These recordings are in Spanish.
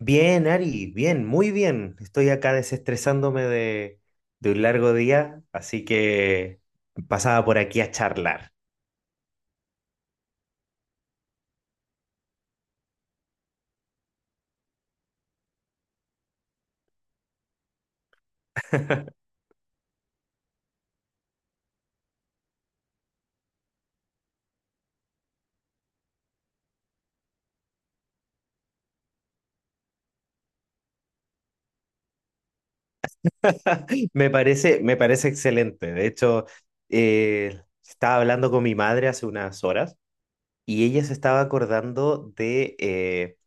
Bien, Ari, bien, muy bien. Estoy acá desestresándome de un largo día, así que pasaba por aquí a charlar. Me parece excelente. De hecho, eh, estaba hablando con mi madre hace unas horas y ella se estaba acordando de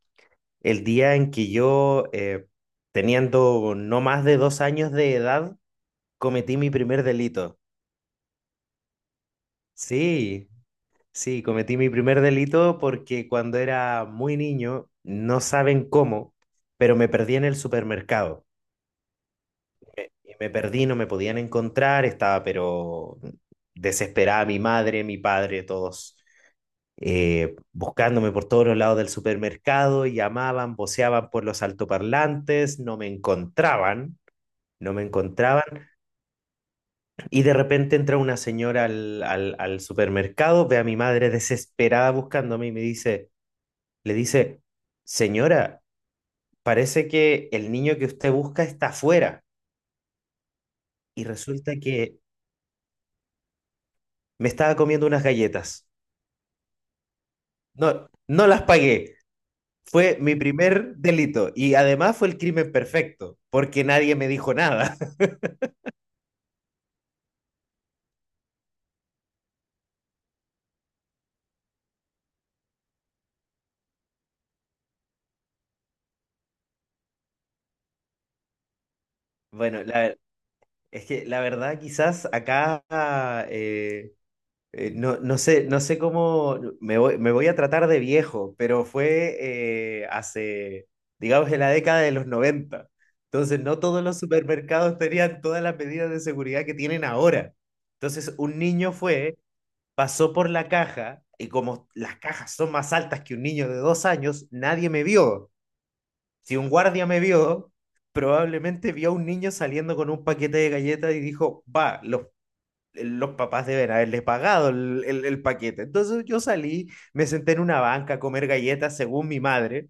el día en que yo, teniendo no más de 2 años de edad, cometí mi primer delito. Sí. Sí, cometí mi primer delito porque cuando era muy niño, no saben cómo, pero me perdí en el supermercado. Y me perdí, no me podían encontrar, estaba pero desesperada mi madre, mi padre, todos buscándome por todos los lados del supermercado, llamaban, voceaban por los altoparlantes, no me encontraban, no me encontraban. Y de repente entra una señora al supermercado, ve a mi madre desesperada buscándome y me dice. Le dice, señora, parece que el niño que usted busca está afuera y resulta que me estaba comiendo unas galletas. No, no las pagué. Fue mi primer delito y además fue el crimen perfecto porque nadie me dijo nada. Bueno, es que la verdad quizás acá eh, no, no sé, no sé cómo, me voy a tratar de viejo, pero fue hace, digamos, en la década de los noventa. Entonces, no todos los supermercados tenían todas las medidas de seguridad que tienen ahora. Entonces, un niño fue, pasó por la caja, y como las cajas son más altas que un niño de 2 años, nadie me vio. Si un guardia me vio, probablemente vio a un niño saliendo con un paquete de galletas y dijo, va, los papás deben haberle pagado el paquete. Entonces yo salí, me senté en una banca a comer galletas según mi madre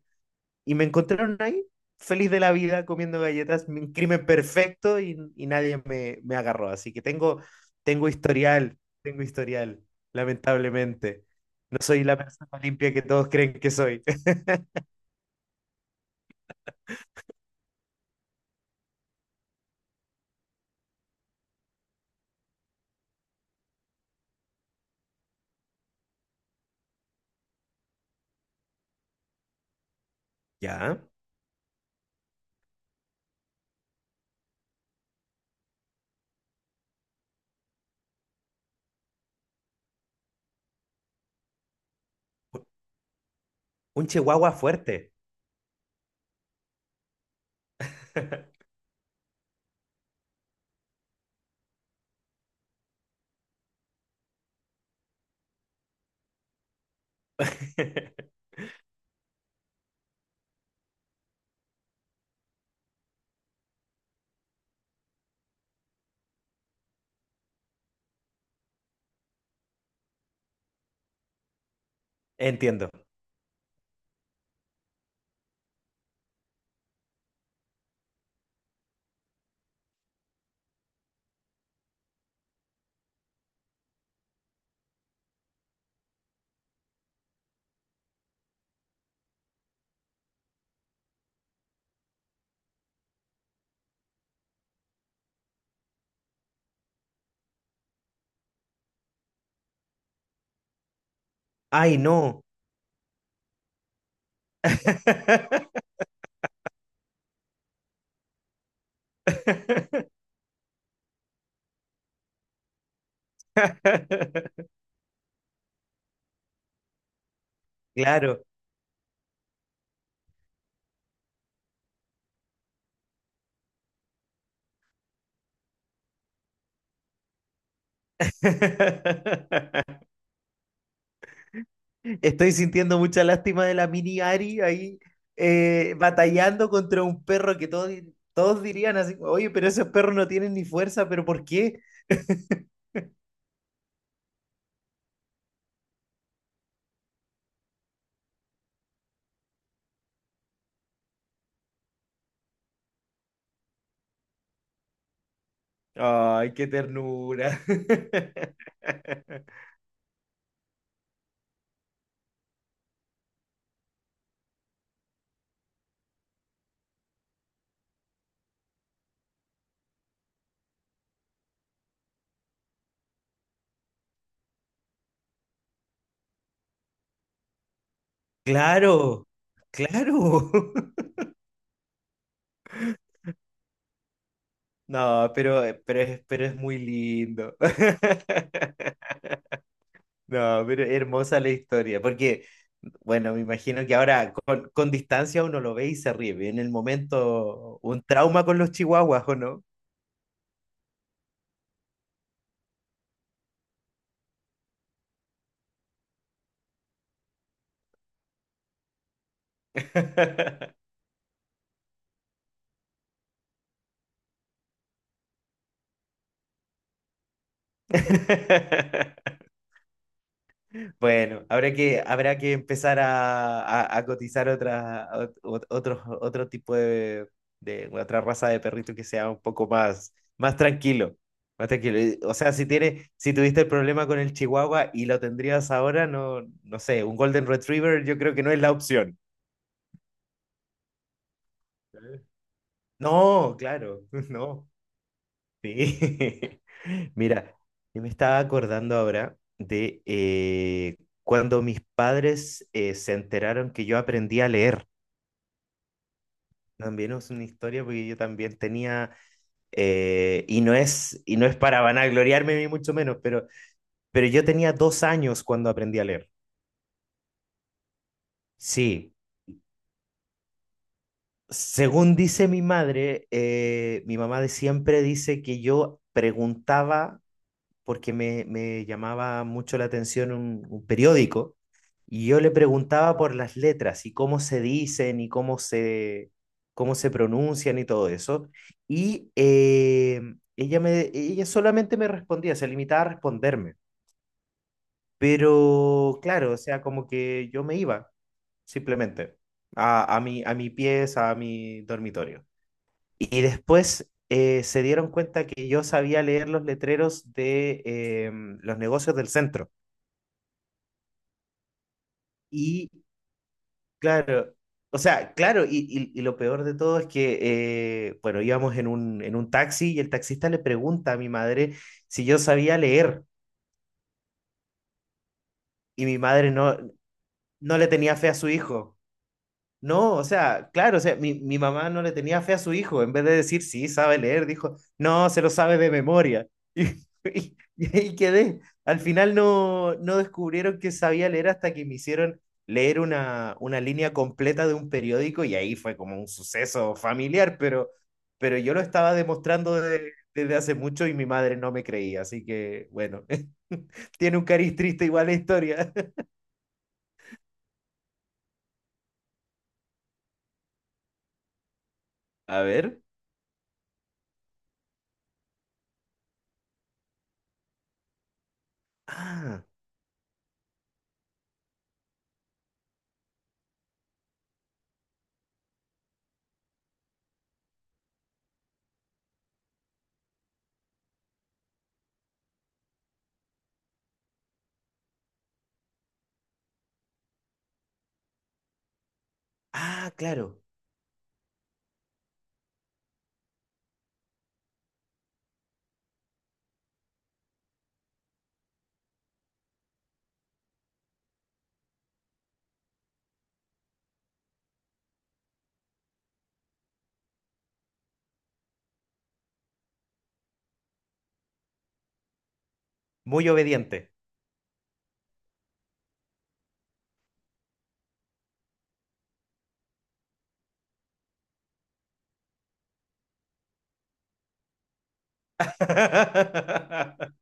y me encontraron ahí, feliz de la vida, comiendo galletas, un crimen perfecto y nadie me agarró. Así que tengo historial, tengo historial, lamentablemente. No soy la persona limpia que todos creen que soy. Ya, un chihuahua fuerte. Entiendo. Ay, no. Claro. Estoy sintiendo mucha lástima de la mini Ari ahí batallando contra un perro que todos dirían así, oye, pero esos perros no tienen ni fuerza, pero ¿por qué? Ay, qué ternura. Claro, claro. No, pero es muy lindo. No, pero hermosa la historia, porque, bueno, me imagino que ahora con distancia uno lo ve y se ríe. En el momento, un trauma con los chihuahuas, ¿o no? Bueno, habrá que empezar a cotizar otro tipo de otra raza de perrito que sea un poco más, más tranquilo. Más tranquilo. O sea, si tuviste el problema con el Chihuahua y lo tendrías ahora, no, no sé, un Golden Retriever yo creo que no es la opción. No, claro, no. Sí. Mira, yo me estaba acordando ahora de cuando mis padres se enteraron que yo aprendí a leer. También es una historia porque yo también tenía, y no es para vanagloriarme ni mucho menos, pero yo tenía 2 años cuando aprendí a leer. Sí, según dice mi madre, mi mamá de siempre dice que yo preguntaba porque me llamaba mucho la atención un periódico y yo le preguntaba por las letras y cómo se dicen y cómo se pronuncian y todo eso. Y ella solamente me respondía, se limitaba a responderme. Pero claro, o sea, como que yo me iba simplemente a mi pieza, a mi dormitorio. Y después se dieron cuenta que yo sabía leer los letreros de los negocios del centro. Y claro, o sea, claro, y lo peor de todo es que, bueno, íbamos en un taxi y el taxista le pregunta a mi madre si yo sabía leer y mi madre no le tenía fe a su hijo. No, o sea, claro, o sea, mi mamá no le tenía fe a su hijo. En vez de decir, sí, sabe leer, dijo, no, se lo sabe de memoria. Y, y- y ahí quedé. Al final no descubrieron que sabía leer hasta que me hicieron leer una línea completa de un periódico y ahí fue como un suceso familiar, pero yo lo estaba demostrando desde hace mucho y mi madre no me creía. Así que, bueno, tiene un cariz triste igual la historia. A ver. Ah, ah, claro. Muy obediente.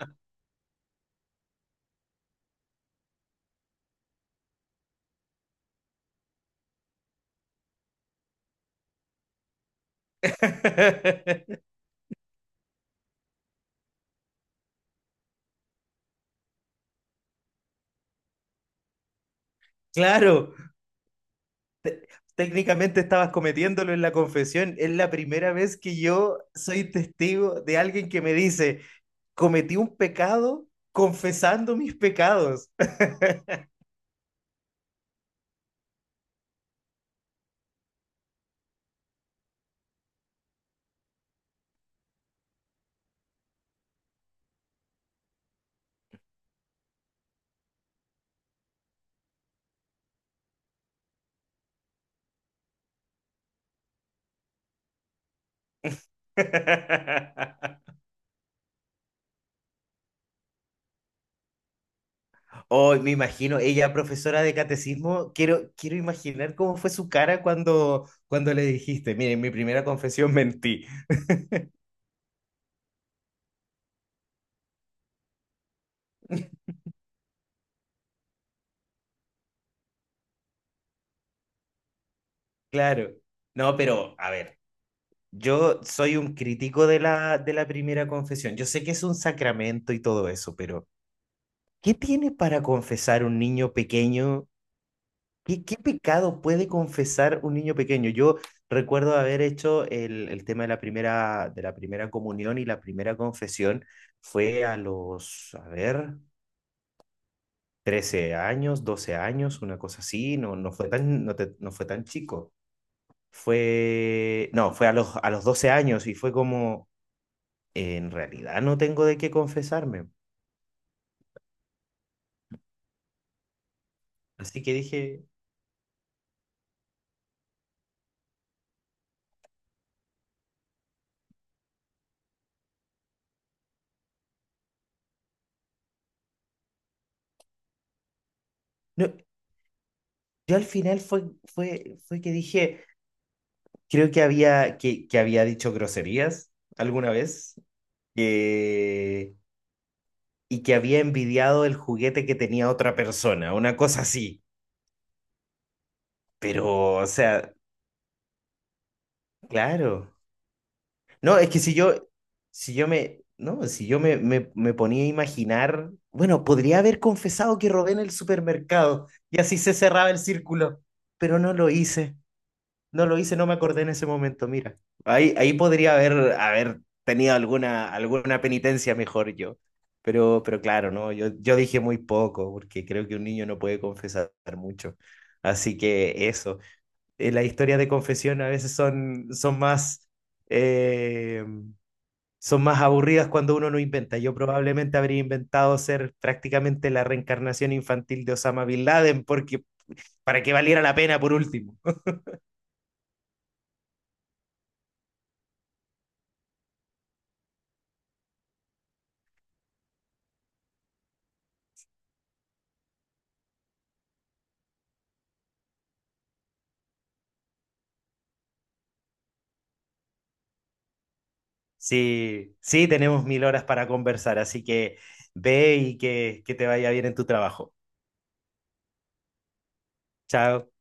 Claro, técnicamente estabas cometiéndolo en la confesión. Es la primera vez que yo soy testigo de alguien que me dice, cometí un pecado confesando mis pecados. Oh, me imagino, ella profesora de catecismo, quiero imaginar cómo fue su cara cuando le dijiste, miren, mi primera confesión mentí. Claro. No, pero a ver, yo soy un crítico de la primera confesión. Yo sé que es un sacramento y todo eso, pero ¿qué tiene para confesar un niño pequeño? ¿Qué pecado puede confesar un niño pequeño? Yo recuerdo haber hecho el tema de la primera comunión y la primera confesión fue a ver, 13 años, 12 años, una cosa así. No, no fue tan, no, te- no fue tan chico. Fue, no, fue a los 12 años y fue como, en realidad no tengo de qué confesarme. Así que dije, no, yo al final fue, que dije, creo que que había dicho groserías alguna vez eh, y que había envidiado el juguete que tenía otra persona, una cosa así. Pero, o sea, claro. No, es que si yo me ponía a imaginar, bueno, podría haber confesado que robé en el supermercado y así se cerraba el círculo, pero no lo hice. No lo hice, no me acordé en ese momento, mira. Ahí podría haber tenido alguna penitencia mejor yo. Pero claro, ¿no? Yo dije muy poco, porque creo que un niño no puede confesar mucho. Así que eso. Las historias de confesión a veces eh, son más aburridas cuando uno no inventa. Yo probablemente habría inventado ser prácticamente la reencarnación infantil de Osama Bin Laden, porque para que valiera la pena por último. Sí, sí, tenemos mil horas para conversar, así que ve y que te vaya bien en tu trabajo. Chao.